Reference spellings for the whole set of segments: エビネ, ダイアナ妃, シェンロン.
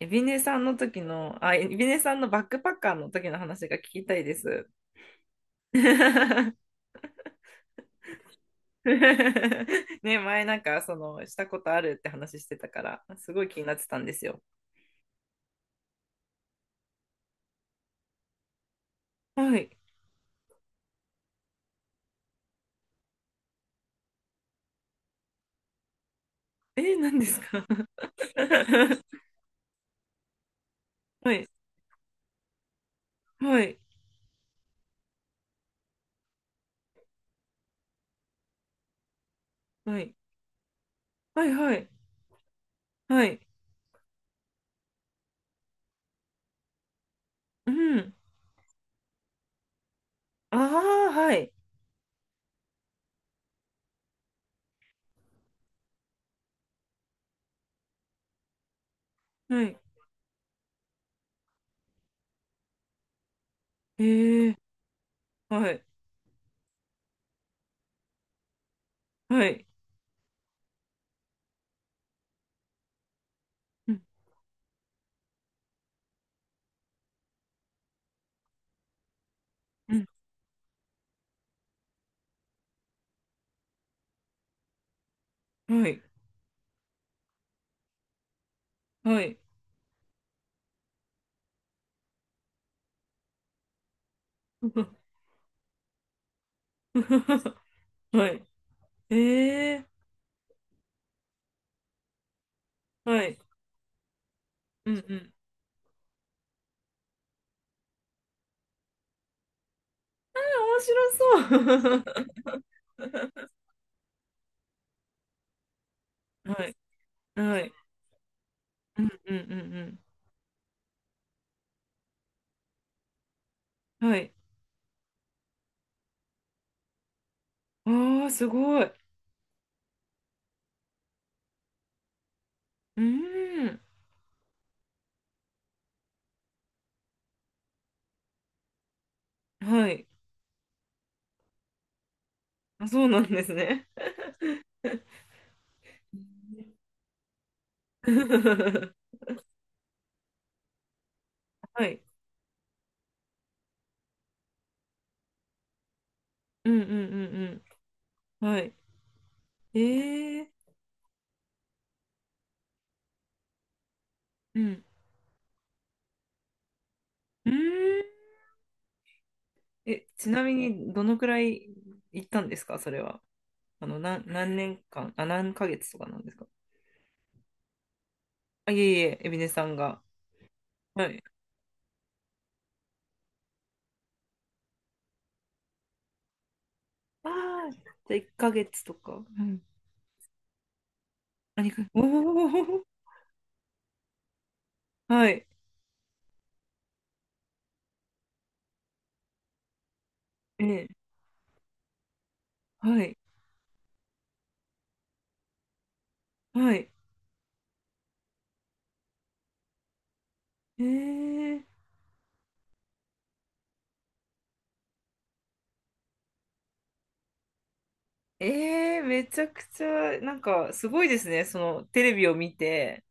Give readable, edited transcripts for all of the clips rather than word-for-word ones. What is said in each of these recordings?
エビネさんの時の、あ、エビネさんのバックパッカーの時の話が聞きたいです。ね、前なんか、その、したことあるって話してたから、すごい気になってたんですよ。はい。え、何ですか？ はい、はい、はい、はい、はい、はい、うん。ああ、はい、はい、えー、はい、はい、うん、うん、はい、はい、はい、えー、はい、うん、うん。面白そう。はい。はい。うんうんうんうん。はい。ああ、すごい。うーん。はい。あ、そうなんですね。うん、はい。うんうんうんうん。はい。ええ、うん。うーん。え、ちなみに、どのくらい行ったんですか、それは。あの、なん、何年間、あ、何ヶ月とかなんですか？あ、いえいえ、エビネさんが。はい。ああ、じゃあ1ヶ月とか。うん。あ、にかげつ、おお、はい。ええ、はい、はい。ええ、ええ、めちゃくちゃ、なんか、すごいですね。その、テレビを見て、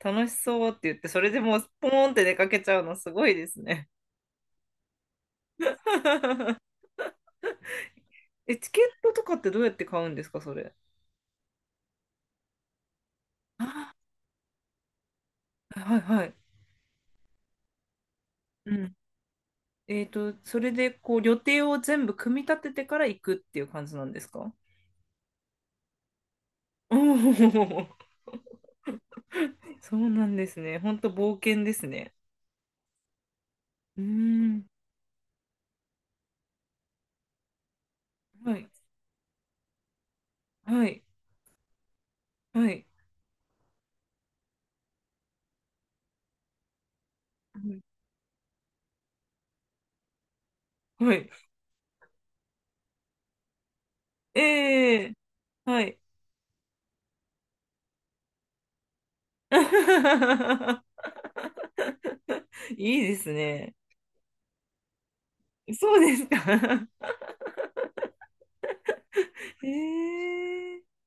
楽しそうって言って、それでもう、ポーンって出かけちゃうの、すごいですね。え、チケットとかってどうやって買うんですか、それ？あ、はい、はい。うん。えっと、それで、こう、予定を全部組み立ててから行くっていう感じなんですか？おお、そうなんですね。本当冒険ですね。うーん。はい、はい、はい。うん、はい。ええ、はい。いいですね。そうですか。ええ、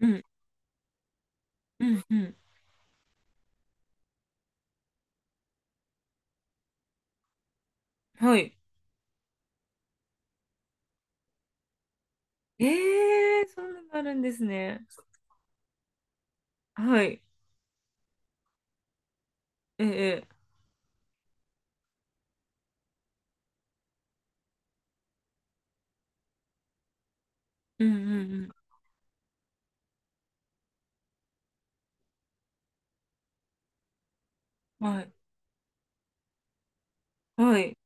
うん、うん、うん。はい。ええ、そんなのあるんですね。はい。ええ、うん、うん、うん。はい。はい。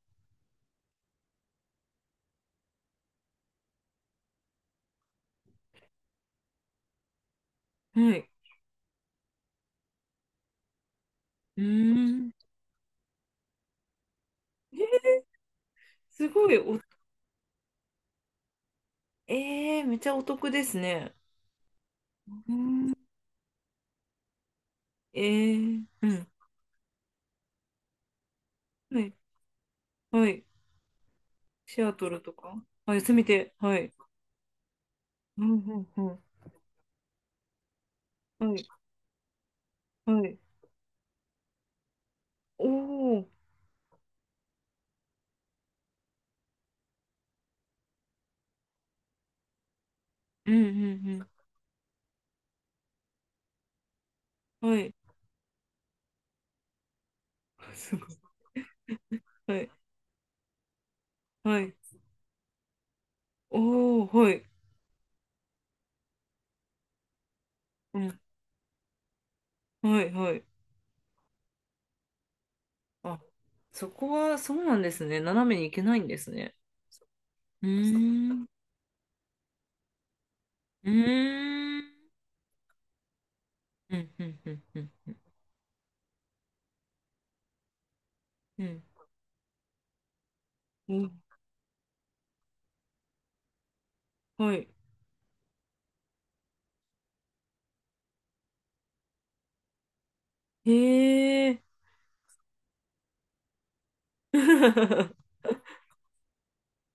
はい。うーん。えー、すごいお、えー、めちゃお得ですね。うん、えー、うん。はい。はい。シアトルとか。あ、休みて。はい。うん、うん、うん。はい。はい。おお、うん、うん、うん。はい。すごい。はい。はい。おお、はい。うん。はい、はい。あ、そこはそうなんですね。斜めに行けないんですね。うーん。うーん。うん、うん、うん、うん、うん。うん、はい。へえ。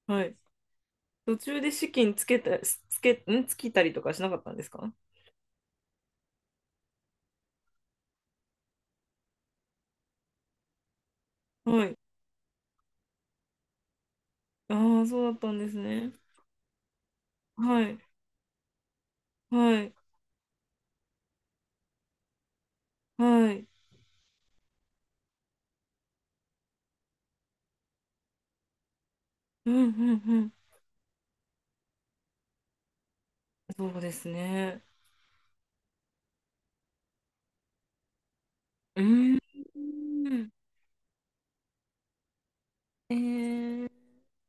はい。途中で資金つけた、つけ、ん、つきたりとかしなかったんですか？はい。ああ、そうだったんですね。はい。はい。はい。うん、うん、そうですね。うーん。えー、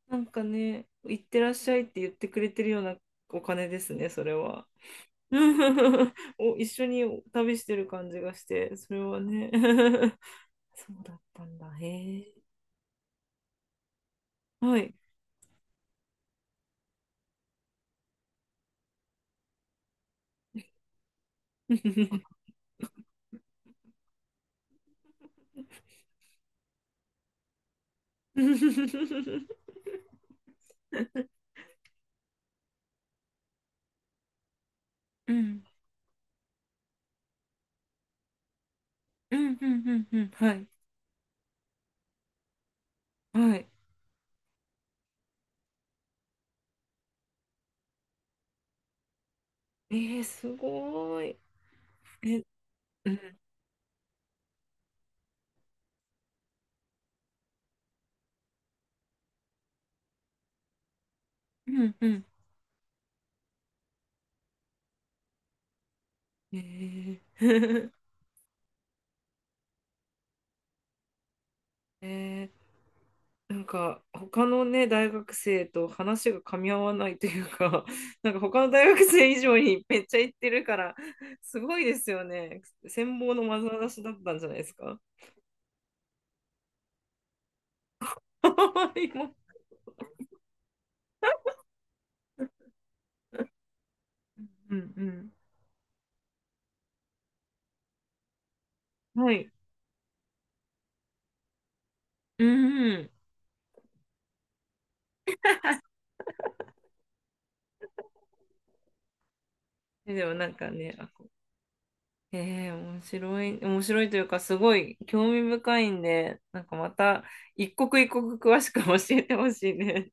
なんかね、行ってらっしゃいって言ってくれてるようなお金ですね、それは。お、一緒に旅してる感じがして、それはね。そうだったんだ。へえ。はい。うん。うん。うん。うん。うん。はい。はい。えー、すごい。え、うん。うん。うん。えー えー、なんか他のね大学生と話が噛み合わないというか、なんか他の大学生以上にめっちゃ行ってるから、すごいですよね。羨望の眼差しだったんじゃないですか？今うんうんはい。うんうん。で、でもなんかね、あ、こう、えー、面白い、面白いというか、すごい興味深いんで、なんかまた一刻一刻詳しく教えてほしいね。